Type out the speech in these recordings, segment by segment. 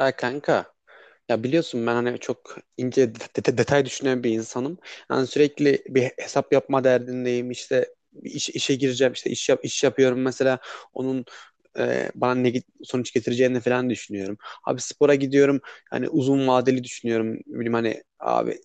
Ya kanka, ya biliyorsun ben hani çok ince detay düşünen bir insanım. Yani sürekli bir hesap yapma derdindeyim. İşte işe gireceğim, işte iş yap, iş yapıyorum mesela onun bana sonuç getireceğini falan düşünüyorum. Abi spora gidiyorum. Hani uzun vadeli düşünüyorum. Bilmem hani abi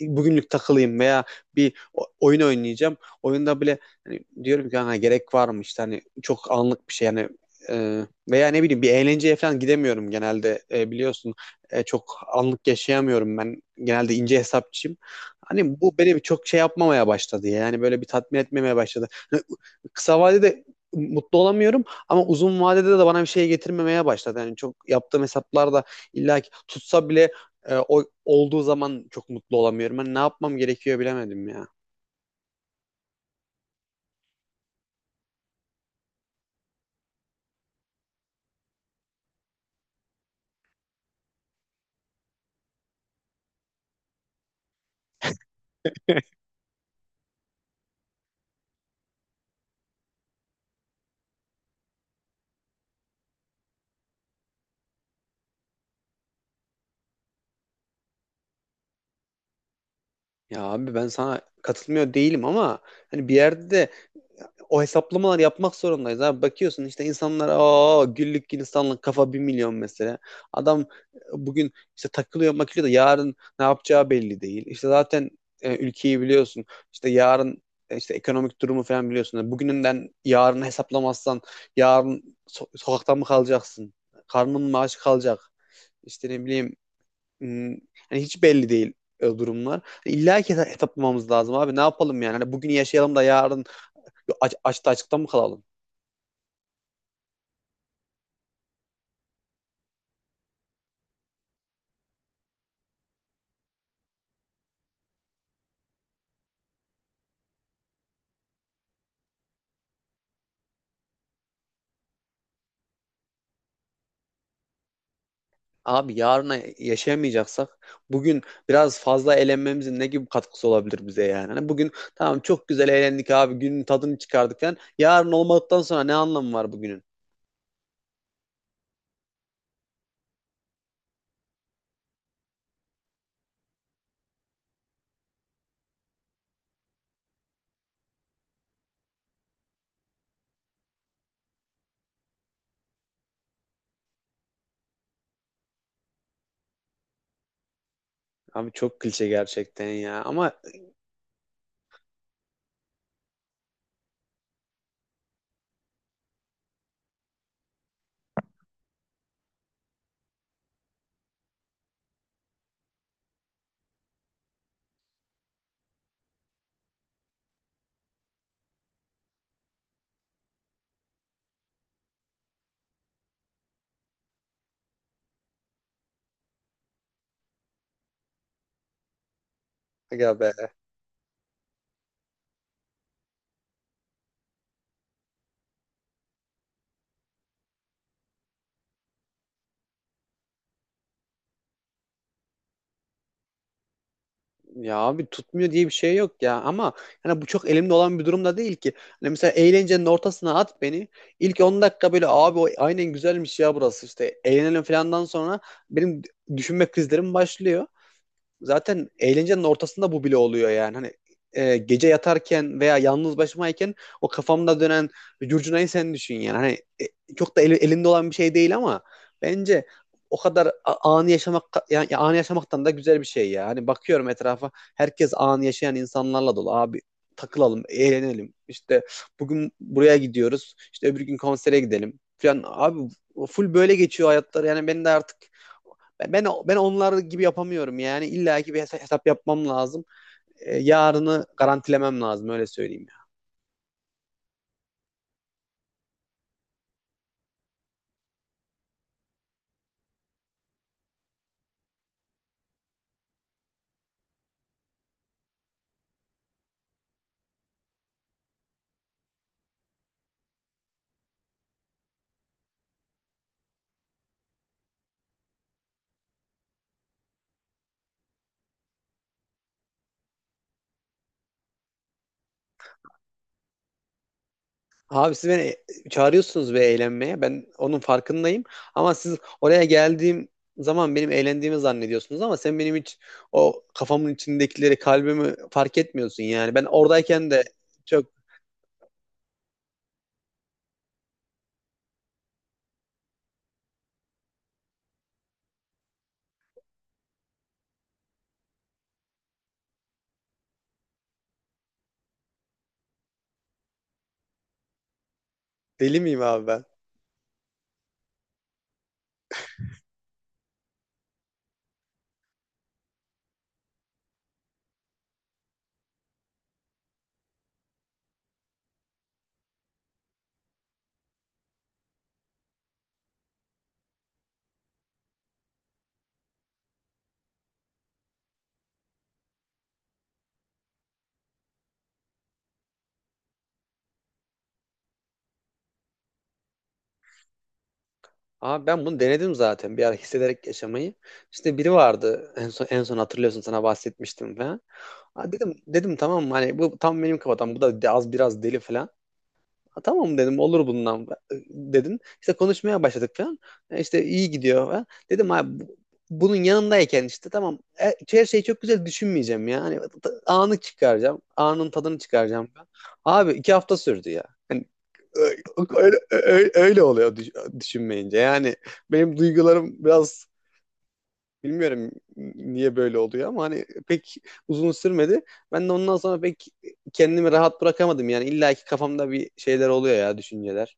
bugünlük takılayım veya bir oyun oynayacağım. Oyunda bile hani diyorum ki hani gerek var mı, işte hani çok anlık bir şey yani. E, veya ne bileyim, bir eğlenceye falan gidemiyorum genelde. E, biliyorsun, çok anlık yaşayamıyorum ben. Genelde ince hesapçıyım. Hani bu beni bir çok şey yapmamaya başladı ya. Yani böyle bir tatmin etmemeye başladı. Hani kısa vadede mutlu olamıyorum ama uzun vadede de bana bir şey getirmemeye başladı. Yani çok yaptığım hesaplar da illa ki tutsa bile, o olduğu zaman çok mutlu olamıyorum. Hani ne yapmam gerekiyor bilemedim ya. Ya abi, ben sana katılmıyor değilim ama hani bir yerde de o hesaplamalar yapmak zorundayız abi. Bakıyorsun işte insanlar, aa güllük insanlık kafa, 1.000.000 mesela. Adam bugün işte takılıyor makılıyor da yarın ne yapacağı belli değil. İşte zaten ülkeyi biliyorsun. İşte yarın, işte ekonomik durumu falan biliyorsun. Yani bugününden yarını hesaplamazsan yarın sokakta mı kalacaksın? Karnın mı aç kalacak? İşte ne bileyim, hmm, yani hiç belli değil durumlar. İlla ki hesaplamamız lazım abi. Ne yapalım yani? Hani bugün yaşayalım da yarın açta açıkta mı kalalım? Abi yarına yaşayamayacaksak bugün biraz fazla eğlenmemizin ne gibi katkısı olabilir bize yani? Hani bugün tamam, çok güzel eğlendik abi, günün tadını çıkardık falan. Yarın olmadıktan sonra ne anlamı var bugünün? Abi çok klişe gerçekten ya, ama ya be, ya abi tutmuyor diye bir şey yok ya, ama yani bu çok elimde olan bir durumda değil ki. Hani mesela eğlencenin ortasına at beni. İlk 10 dakika böyle abi, o aynen güzelmiş ya, burası işte eğlenelim falandan sonra benim düşünme krizlerim başlıyor. Zaten eğlencenin ortasında bu bile oluyor yani. Hani gece yatarken veya yalnız başımayken o kafamda dönen curcunayı sen düşün yani. Hani çok da elinde olan bir şey değil ama bence o kadar anı yaşamak, yani anı yaşamaktan da güzel bir şey ya. Hani bakıyorum etrafa, herkes anı yaşayan insanlarla dolu. Abi takılalım, eğlenelim. İşte bugün buraya gidiyoruz, İşte öbür gün konsere gidelim falan. Abi full böyle geçiyor hayatları. Yani ben de artık ben onlar gibi yapamıyorum yani. İlla ki bir hesap yapmam lazım. E, yarını garantilemem lazım öyle söyleyeyim ya. Abi siz beni çağırıyorsunuz ve eğlenmeye. Ben onun farkındayım. Ama siz oraya geldiğim zaman benim eğlendiğimi zannediyorsunuz ama sen benim hiç o kafamın içindekileri, kalbimi fark etmiyorsun yani. Ben oradayken de çok deli miyim abi ben? Abi ben bunu denedim zaten, bir ara hissederek yaşamayı. İşte biri vardı en son, en son hatırlıyorsun, sana bahsetmiştim falan. Ha, dedim dedim tamam mı, hani bu tam benim kafadan, bu da az biraz deli falan. Ha, tamam dedim, olur bundan dedin. İşte konuşmaya başladık falan. E, İşte iyi gidiyor falan. Dedim abi bunun yanındayken işte tamam, her şeyi çok güzel düşünmeyeceğim ya. Hani anı çıkaracağım. Anın tadını çıkaracağım falan. Abi 2 hafta sürdü ya. Hani öyle oluyor düşünmeyince. Yani benim duygularım biraz, bilmiyorum niye böyle oluyor, ama hani pek uzun sürmedi. Ben de ondan sonra pek kendimi rahat bırakamadım. Yani illa ki kafamda bir şeyler oluyor ya, düşünceler.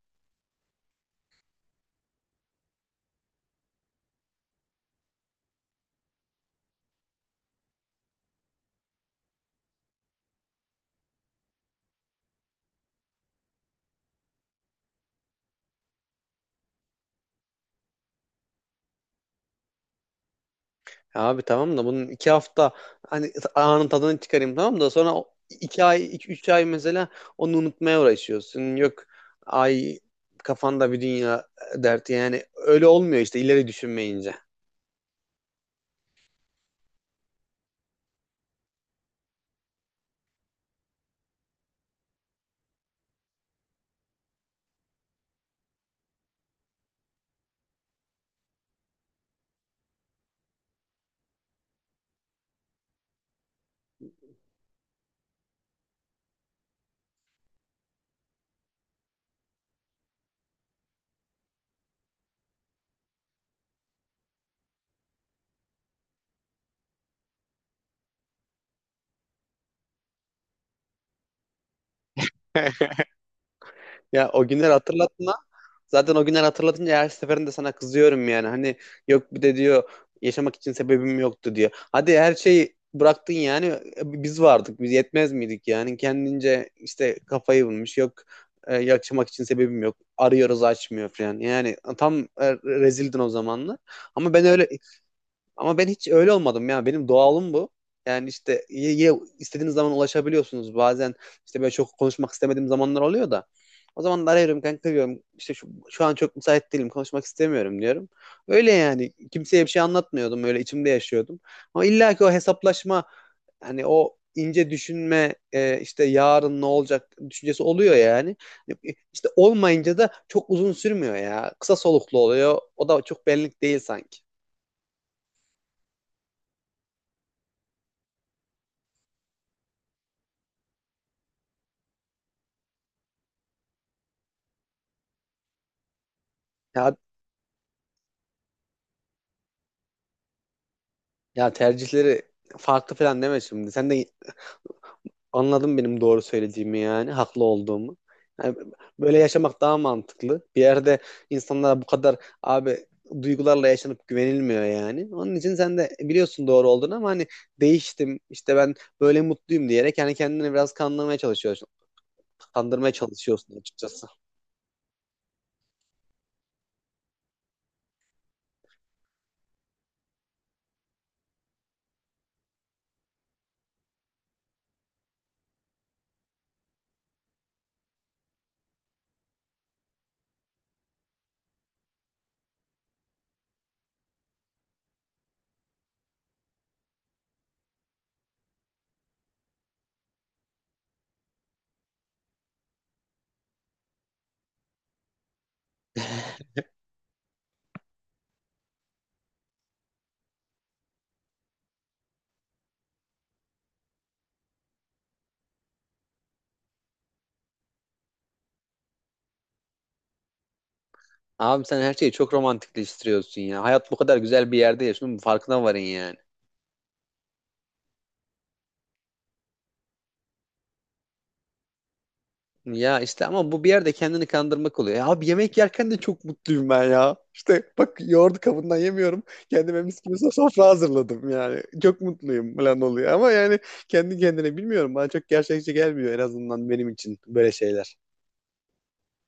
Ya abi tamam da bunun 2 hafta hani anın tadını çıkarayım, tamam da sonra o üç ay mesela onu unutmaya uğraşıyorsun. Yok ay, kafanda bir dünya derti, yani öyle olmuyor işte ileri düşünmeyince. Ya o günler hatırlattın. Zaten o günler hatırlatınca her seferinde sana kızıyorum yani. Hani yok bir de diyor yaşamak için sebebim yoktu diyor. Hadi her şeyi bıraktın yani, biz vardık, biz yetmez miydik yani, kendince işte kafayı bulmuş, yok yaşamak için sebebim yok, arıyoruz açmıyor falan, yani tam rezildin o zamanlar, ama ben öyle, ama ben hiç öyle olmadım ya. Benim doğalım bu. Yani işte istediğiniz zaman ulaşabiliyorsunuz. Bazen işte böyle çok konuşmak istemediğim zamanlar oluyor da. O zaman da arıyorum kanka diyorum. İşte şu an çok müsait değilim, konuşmak istemiyorum diyorum. Öyle yani. Kimseye bir şey anlatmıyordum. Öyle içimde yaşıyordum. Ama illa ki o hesaplaşma, hani o ince düşünme, işte yarın ne olacak düşüncesi oluyor yani. E, İşte olmayınca da çok uzun sürmüyor ya. Kısa soluklu oluyor. O da çok benlik değil sanki. Ya Ya tercihleri farklı falan deme şimdi. Sen de anladın benim doğru söylediğimi yani, haklı olduğumu. Yani böyle yaşamak daha mantıklı. Bir yerde insanlara bu kadar, abi, duygularla yaşanıp güvenilmiyor yani. Onun için sen de biliyorsun doğru olduğunu, ama hani değiştim işte ben, böyle mutluyum diyerek yani kendini biraz kandırmaya çalışıyorsun. Kandırmaya çalışıyorsun açıkçası. Abi sen her şeyi çok romantikleştiriyorsun ya. Hayat bu kadar güzel bir yerde yaşıyor, bunun farkına varın yani. Ya işte ama bu bir yerde kendini kandırmak oluyor. Ya abi, yemek yerken de çok mutluyum ben ya. İşte bak, yoğurdu kabından yemiyorum. Kendime mis gibi sofra hazırladım yani. Çok mutluyum falan oluyor. Ama yani kendi kendine bilmiyorum. Bana çok gerçekçi gelmiyor, en azından benim için böyle şeyler.